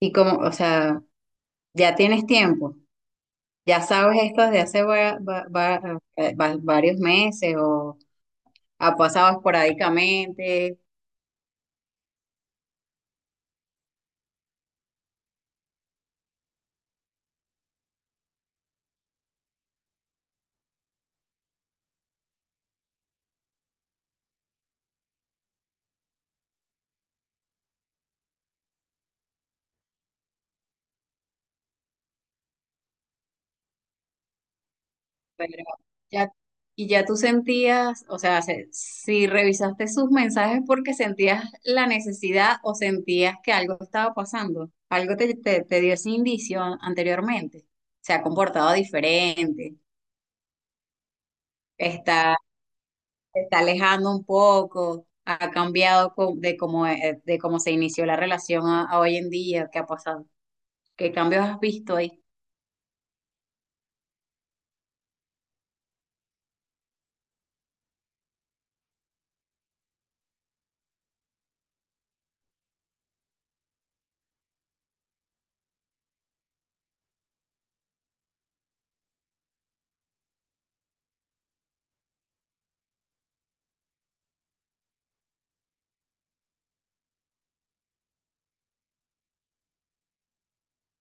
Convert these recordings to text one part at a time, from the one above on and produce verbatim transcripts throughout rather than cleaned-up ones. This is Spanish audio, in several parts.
Y como, o sea, ya tienes tiempo, ya sabes esto desde hace va- va- va- eh, va- varios meses o ha pasado esporádicamente, pero ya, y ya tú sentías, o sea, se- si revisaste sus mensajes porque sentías la necesidad o sentías que algo estaba pasando, algo te, te, te dio ese indicio anteriormente, se ha comportado diferente, está se está alejando un poco, ha cambiado co- de cómo, eh, de cómo se inició la relación a, a hoy en día, qué ha pasado, qué cambios has visto ahí.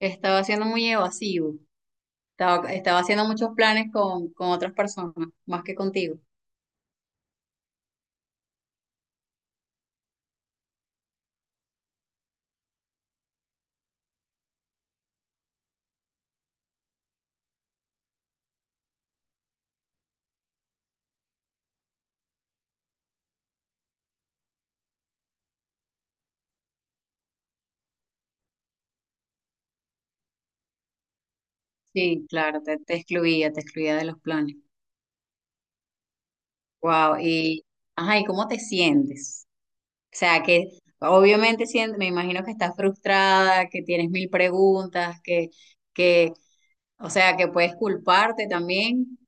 Estaba siendo muy evasivo, estaba, estaba haciendo muchos planes con, con otras personas, más que contigo. Sí, claro, te, te excluía, te excluía de los planes. Wow, y, ajá, ¿y cómo te sientes? O sea, que obviamente sien- me imagino que estás frustrada, que tienes mil preguntas, que, que, o sea, que puedes culparte también.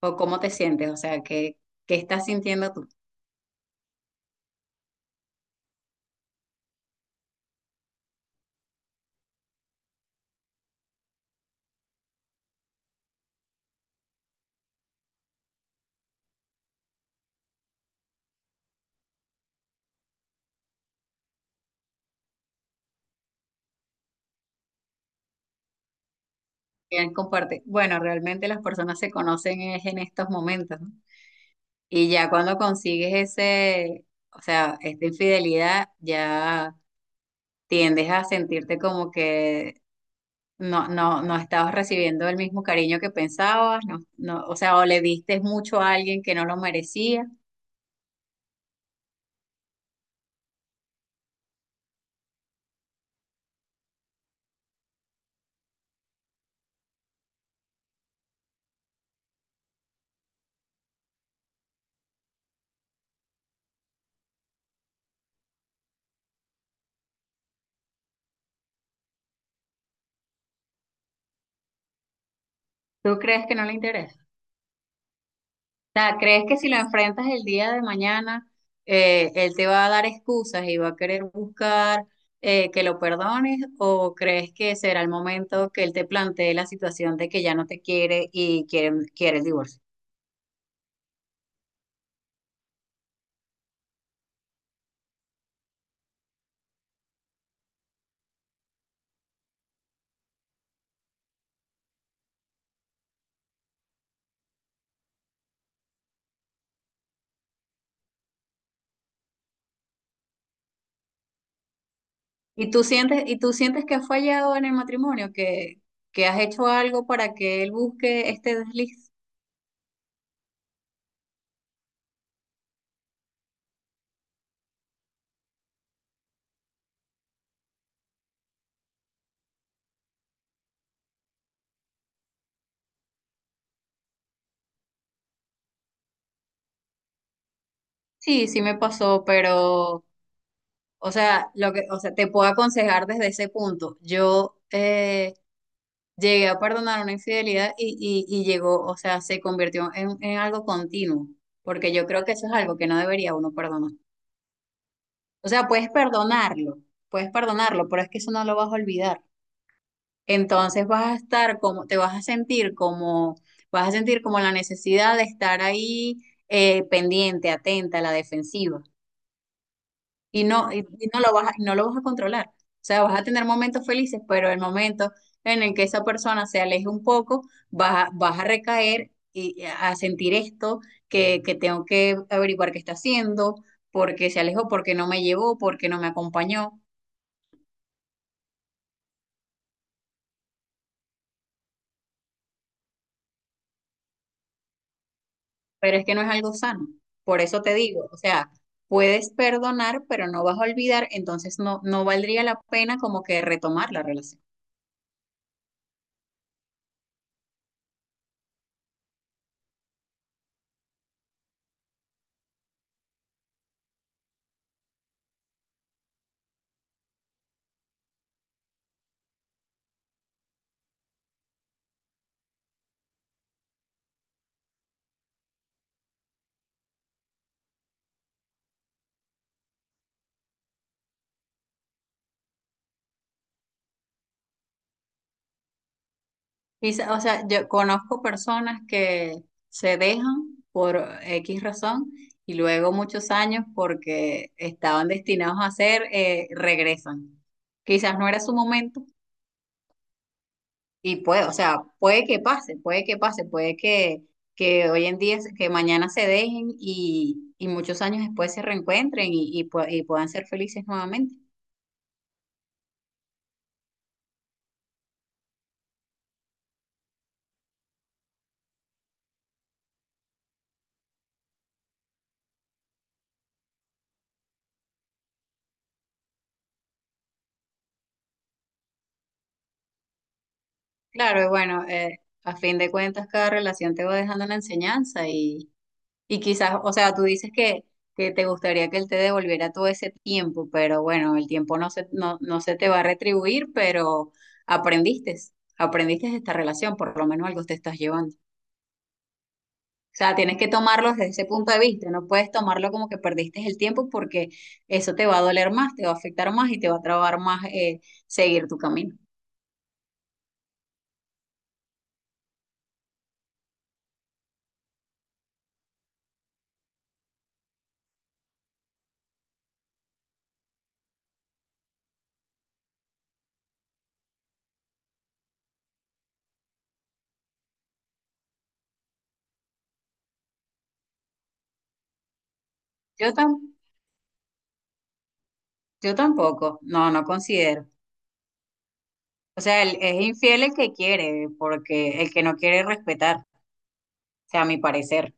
¿O cómo te sientes? O sea, ¿qué, qué estás sintiendo tú? ¿Quién comparte? Bueno, realmente las personas se conocen es en estos momentos, ¿no? Y ya cuando consigues ese, o sea, esta infidelidad, ya tiendes a sentirte como que no, no, no estabas recibiendo el mismo cariño que pensabas, no, no, o sea, o le diste mucho a alguien que no lo merecía. ¿Tú crees que no le interesa? Sea, ¿crees que si lo enfrentas el día de mañana, eh, él te va a dar excusas y va a querer buscar eh, que lo perdones? ¿O crees que será el momento que él te plantee la situación de que ya no te quiere y quiere, quiere el divorcio? ¿Y tú sientes, y tú sientes que has fallado en el matrimonio, que, que has hecho algo para que él busque este desliz? Sí, sí me pasó, pero... O sea, lo que, o sea, te puedo aconsejar desde ese punto. Yo eh, llegué a perdonar una infidelidad y, y- y llegó, o sea, se convirtió en, en algo continuo, porque yo creo que eso es algo que no debería uno perdonar. O sea, puedes perdonarlo, puedes perdonarlo, pero es que eso no lo vas a olvidar. Entonces vas a estar como, te vas a sentir como, vas a sentir como la necesidad de estar ahí eh, pendiente, atenta, a la defensiva. y no, y, y no lo vas a, y no lo vas a controlar. O sea, vas a tener momentos felices, pero el momento en el que esa persona se aleje un poco, vas a, vas a recaer y a sentir esto, que, que tengo que averiguar qué está haciendo, porque se alejó, porque no me llevó, porque no me acompañó, pero es que no es algo sano. Por eso te digo, o sea, puedes perdonar, pero no vas a olvidar, entonces no, no valdría la pena como que retomar la relación. Y se- o sea, yo conozco personas que se dejan por X razón y luego muchos años porque estaban destinados a hacer, eh, regresan. Quizás no era su momento y puede, o sea, puede que pase, puede que pase, puede que, que hoy en día, que mañana se dejen y, y muchos años después se reencuentren y, y, pue- y puedan ser felices nuevamente. Claro, y bueno, eh, a fin de cuentas cada relación te va dejando una enseñanza y Y quizás, o sea, tú dices que, que te gustaría que él te devolviera todo ese tiempo, pero bueno, el tiempo no se, no, no se te va a retribuir, pero aprendiste, aprendiste de esta relación, por lo menos algo te estás llevando. O sea, tienes que tomarlo desde ese punto de vista, no puedes tomarlo como que perdiste el tiempo porque eso te va a doler más, te va a afectar más y te va a trabar más eh, seguir tu camino. Yo, tam yo tampoco, no, no considero. O sea, el- es infiel el que quiere, porque el que no quiere respetar, o sea, a mi parecer.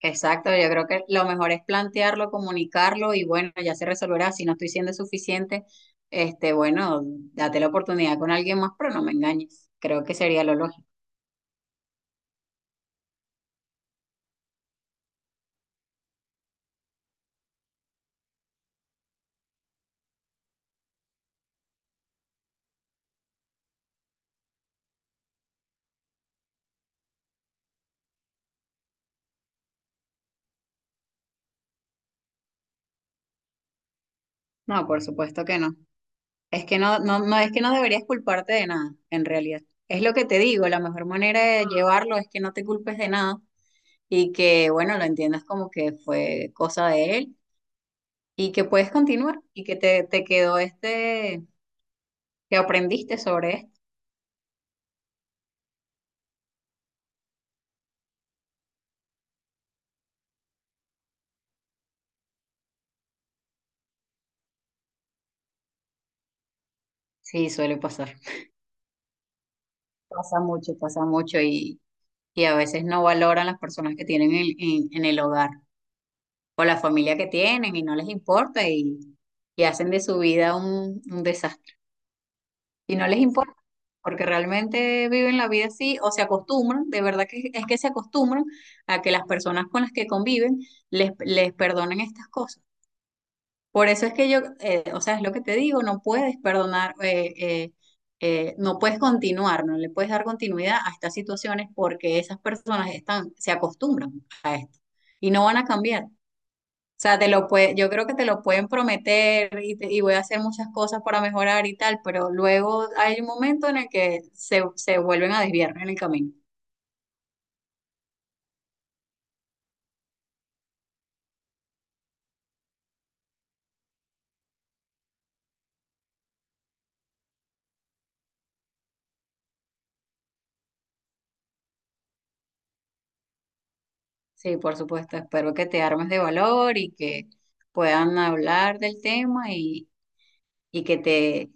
Exacto, yo creo que lo mejor es plantearlo, comunicarlo y bueno, ya se resolverá. Si no estoy siendo suficiente, este, bueno, date la oportunidad con alguien más, pero no me engañes. Creo que sería lo lógico. No, por supuesto que no. Es que no, no, no es que no deberías culparte de nada, en realidad. Es lo que te digo, la mejor manera de llevarlo es que no te culpes de nada y que, bueno, lo entiendas como que fue cosa de él y que puedes continuar y que te, te quedó este, que aprendiste sobre esto. Sí, suele pasar. Pasa mucho, pasa mucho y, y a veces no valoran las personas que tienen en, en- en el hogar o la familia que tienen y no les importa y, y hacen de su vida un, un desastre. Y no les importa porque realmente viven la vida así o se acostumbran, de verdad que es que se acostumbran a que las personas con las que conviven les, les perdonen estas cosas. Por eso es que yo, eh, o sea, es lo que te digo, no puedes perdonar, eh, eh, eh, no puedes continuar, no le puedes dar continuidad a estas situaciones porque esas personas están, se acostumbran a esto y no van a cambiar. O sea, te lo puede, yo creo que te lo pueden prometer y, te- y voy a hacer muchas cosas para mejorar y tal, pero luego hay un momento en el que se, se vuelven a desviar en el camino. Sí, por supuesto, espero que te armes de valor y que puedan hablar del tema y, y que te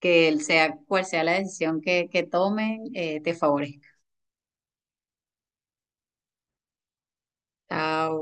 que el sea, cual sea la decisión que, que tomen, eh, te favorezca. Chao.